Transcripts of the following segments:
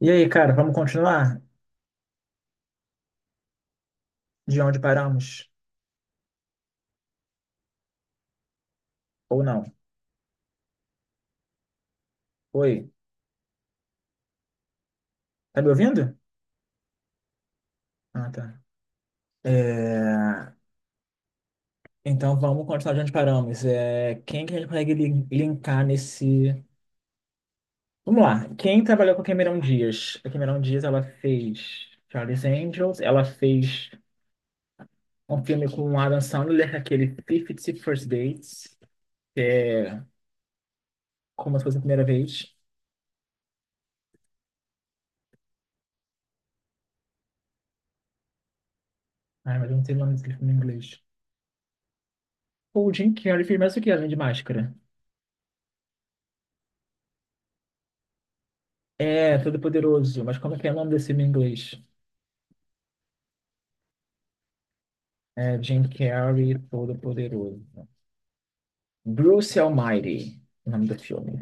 E aí, cara, vamos continuar de onde paramos? Ou não? Oi, tá me ouvindo? Ah, tá. É, então vamos continuar de onde paramos. Quem que a gente consegue linkar nesse. Vamos lá. Quem trabalhou com a Cameron Diaz? A Cameron Diaz ela fez Charlie's Angels, ela fez um filme com o Adam Sandler, aquele *Fifty First Dates, como se fosse a primeira vez. Ai, mas eu não sei o nome desse filme em inglês. O Jim Carrey fez mais o que além de máscara? É, Todo-Poderoso. Mas como é que é o nome desse filme em inglês? É Jim Carrey, Todo-Poderoso. Bruce Almighty, o nome do filme.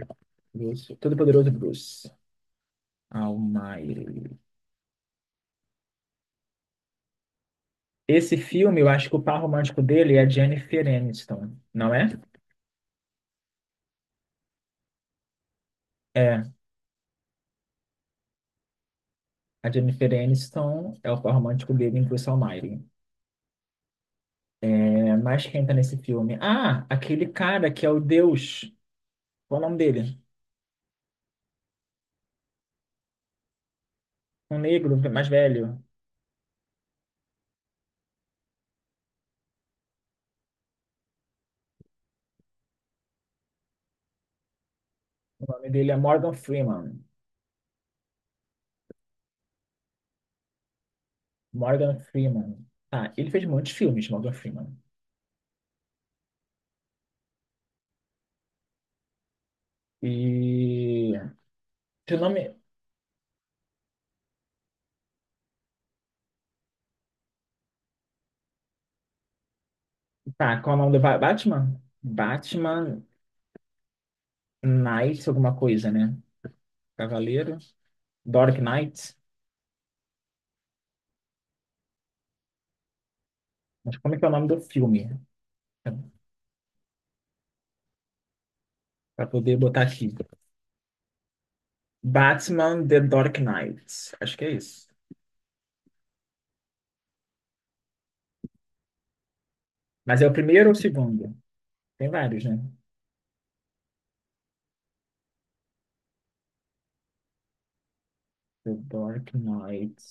Bruce. Todo-Poderoso Bruce Almighty. Esse filme, eu acho que o par romântico dele é a Jennifer Aniston, não é? É. A Jennifer Aniston é o par romântico dele em Bruce Almighty. É, mas quem tá nesse filme? Ah, aquele cara que é o Deus. Qual é o nome dele? Um negro mais velho. O nome dele é Morgan Freeman. Morgan Freeman. Tá, ele fez muitos filmes, Morgan Freeman. E. Seu nome. Tá, qual é o nome do Batman? Batman Knight, alguma coisa, né? Cavaleiro. Dark Knight. Mas como é que é o nome do filme? Pra poder botar aqui. Batman The Dark Knight. Acho que é isso. Mas é o primeiro ou o segundo? Tem vários, né? The Dark Knight.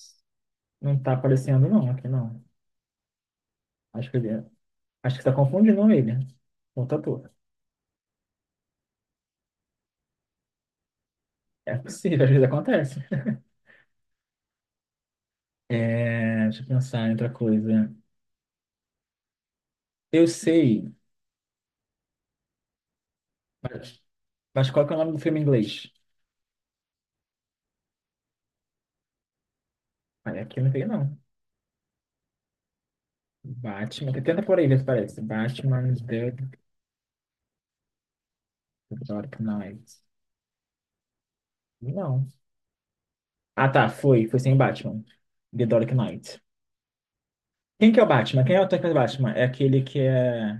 Não tá aparecendo, não, aqui não. Acho que ele. é, Acho que tá confundindo ele. Outro ator. É possível, às vezes acontece. É, deixa eu pensar em outra coisa. Eu sei, mas, mas qual que é o nome do filme em inglês? Aí aqui eu não sei, não. Batman. Tenta por aí ver se parece. Batman The Dark Knight. Não. Ah, tá, foi. Foi sem Batman. The Dark Knight. Quem que é o Batman? Quem é o ator que faz o Batman? É aquele que é.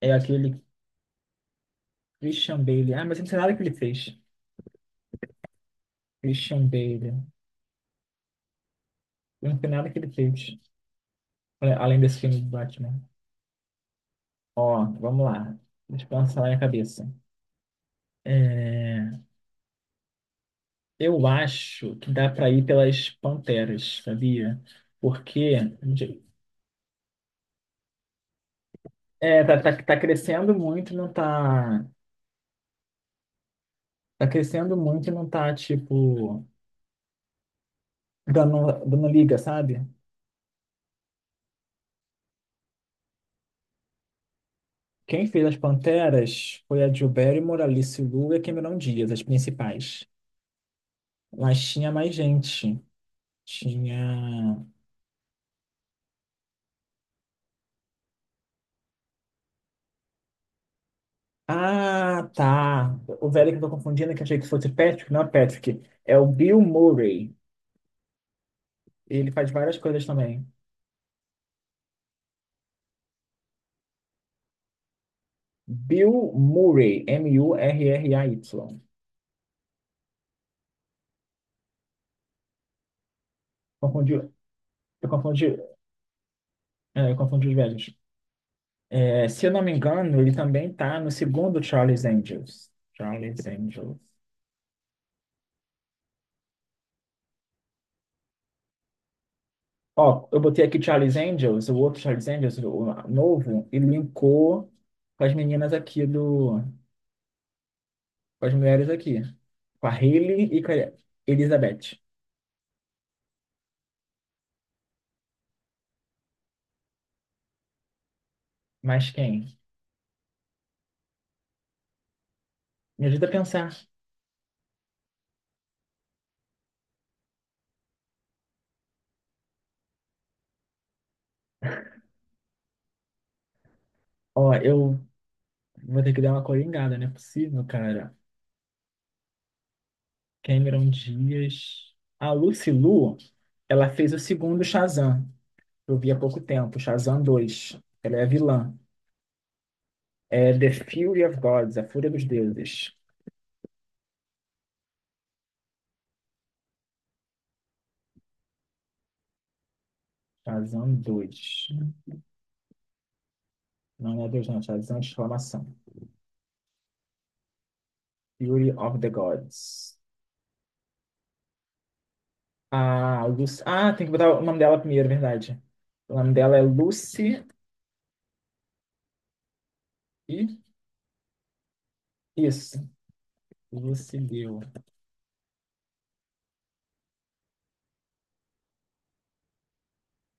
É aquele Christian Bale. Ah, mas eu não sei nada que ele fez. Christian Bale. Eu não sei nada que ele fez. Olha, além desse filme do Batman. Ó, vamos lá. Deixa eu pensar na minha cabeça. É, eu acho que dá para ir pelas panteras, sabia? Porque é, tá crescendo muito, e não tá. Tá crescendo muito, e não tá, tipo, dando liga, sabe? Quem fez as panteras foi a Drew Barrymore, a Alice Lu e a Cameron Diaz, as principais. Mas tinha mais gente. Tinha. Ah, tá. O velho que eu tô confundindo, que eu achei que fosse Patrick, não é Patrick. É o Bill Murray. Ele faz várias coisas também. Bill Murray, M-U-R-R-A-Y. Confundiu. Eu confundi. É, eu confundi os velhos. É, se eu não me engano, ele também tá no segundo Charlie's Angels. Charlie's Angels. Ó, eu botei aqui Charlie's Angels, o outro Charlie's Angels, o novo, e linkou com as meninas aqui do. Com as mulheres aqui. Com a Hailey e com a Elizabeth. Mas quem? Me ajuda a pensar. Ó, eu vou ter que dar uma coringada, não é possível, cara. Cameron Dias. A Lucy Liu, ela fez o segundo Shazam, que eu vi há pouco tempo, Shazam 2. Ela é a vilã. É The Fury of Gods, a Fúria dos Deuses. Shazam 2. Não é Deus, não. Shazam de exclamação. Fury of the Gods. A Lucy... Ah, tem que botar o nome dela primeiro, é verdade. O nome dela é Lucy e... Isso. Lucy Liu.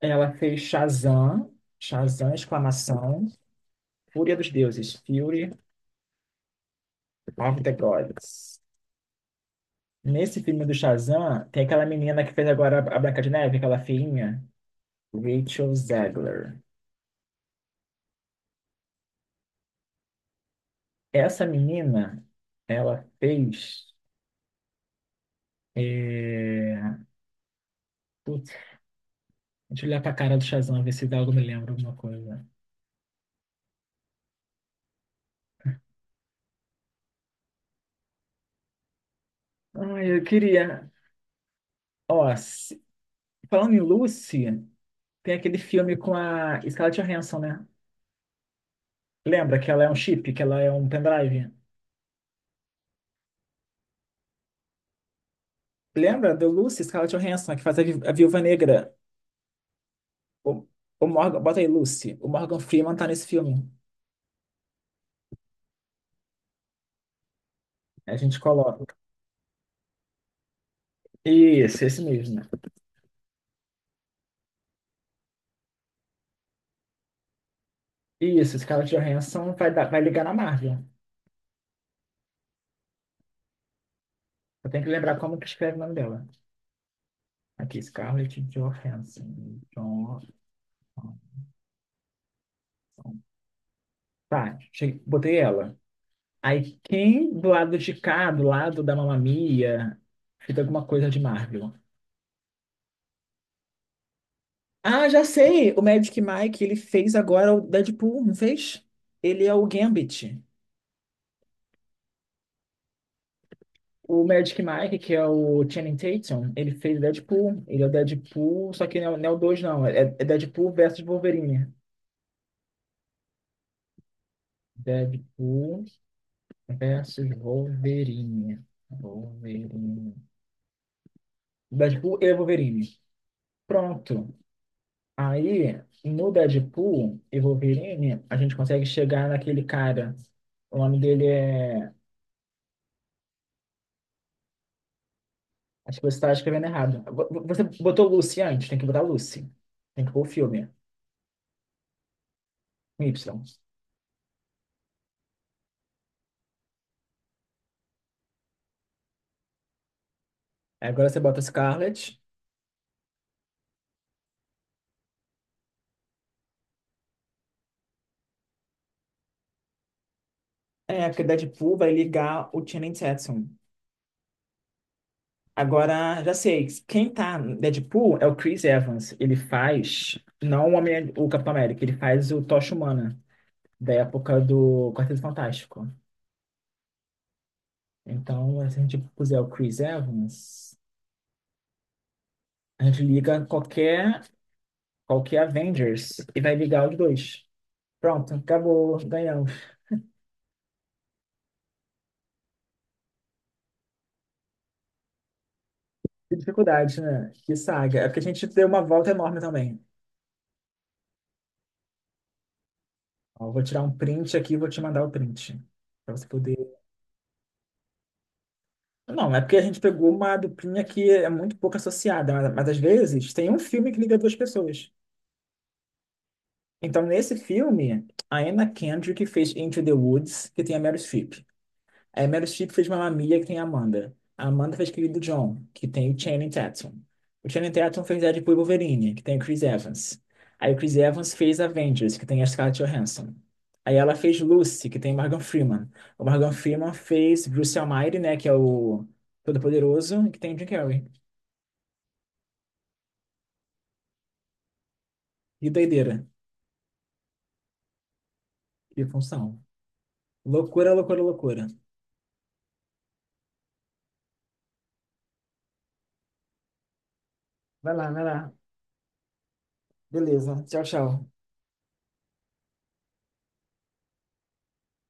Ela fez Shazam, Shazam, exclamação, Fúria dos Deuses, Fury of the Gods. Nesse filme do Shazam, tem aquela menina que fez agora a Branca de Neve, aquela feinha, Rachel Zegler. Essa menina, ela fez... É... Putz, deixa eu olhar pra cara do Shazam, ver se dá algo me lembra alguma coisa. Ai, eu queria... Ó, se- Falando em Lucy, tem aquele filme com a Scarlett Johansson, né? Lembra que ela é um chip, que ela é um pendrive? Lembra do Lucy, Scarlett Johansson, que faz a, a Viúva Negra? O, o Morgan, bota aí, Lucy. O Morgan Freeman tá nesse filme. A gente coloca. Isso, esse mesmo. Isso, Scarlett Johansson vai ligar na Marvel. Eu tenho que lembrar como que escreve o nome dela. Aqui, Scarlett Johansson. Johansson. Tá, cheguei, botei ela. Aí, quem do lado de cá, do lado da Mamma Mia, fez alguma coisa de Marvel? Ah, já sei! O Magic Mike, ele fez agora o Deadpool, não fez? Ele é o Gambit. O Magic Mike, que é o Channing Tatum, ele fez Deadpool. Ele é o Deadpool, só que não é o 2, não. É, é Deadpool versus Wolverine. Deadpool versus Wolverine. Wolverine. Deadpool e Wolverine. Pronto. Aí, no Deadpool e Wolverine, a gente consegue chegar naquele cara. O nome dele é. Acho que você está escrevendo errado. Você botou Lucy antes, tem que botar Lucy. Tem que pôr o filme. Com Y. Agora você bota Scarlet. É, porque Deadpool vai ligar o Channing Tatum. Agora, já sei, quem tá no Deadpool é o Chris Evans. Ele faz, não o, Homem, o Capitão América, ele faz o Tocha Humana, da época do Quarteto Fantástico. Então, se a gente puser o Chris Evans, a gente liga qualquer Avengers e vai ligar os dois. Pronto, acabou, ganhamos. Que dificuldade, né? Que saga. É porque a gente deu uma volta enorme também. Ó, eu vou tirar um print aqui e vou te mandar o print, pra você poder. Não, é porque a gente pegou uma duplinha que é muito pouco associada, mas às vezes tem um filme que liga duas pessoas. Então, nesse filme, a Anna Kendrick fez Into the Woods, que tem a Meryl Streep. Aí Meryl Streep fez Mamma Mia, que tem a Amanda. A Amanda fez Querido John, que tem o Channing Tatum. O Channing Tatum fez Deadpool e Wolverine, que tem o Chris Evans. Aí o Chris Evans fez Avengers, que tem a Scarlett Johansson. Aí ela fez Lucy, que tem Morgan Freeman. O Morgan Freeman fez Bruce Almighty, né, que é o Todo-Poderoso, que tem o Jim Carrey. E doideira, e função. Loucura, loucura, loucura. Vai lá, vai lá. Beleza. Tchau, tchau.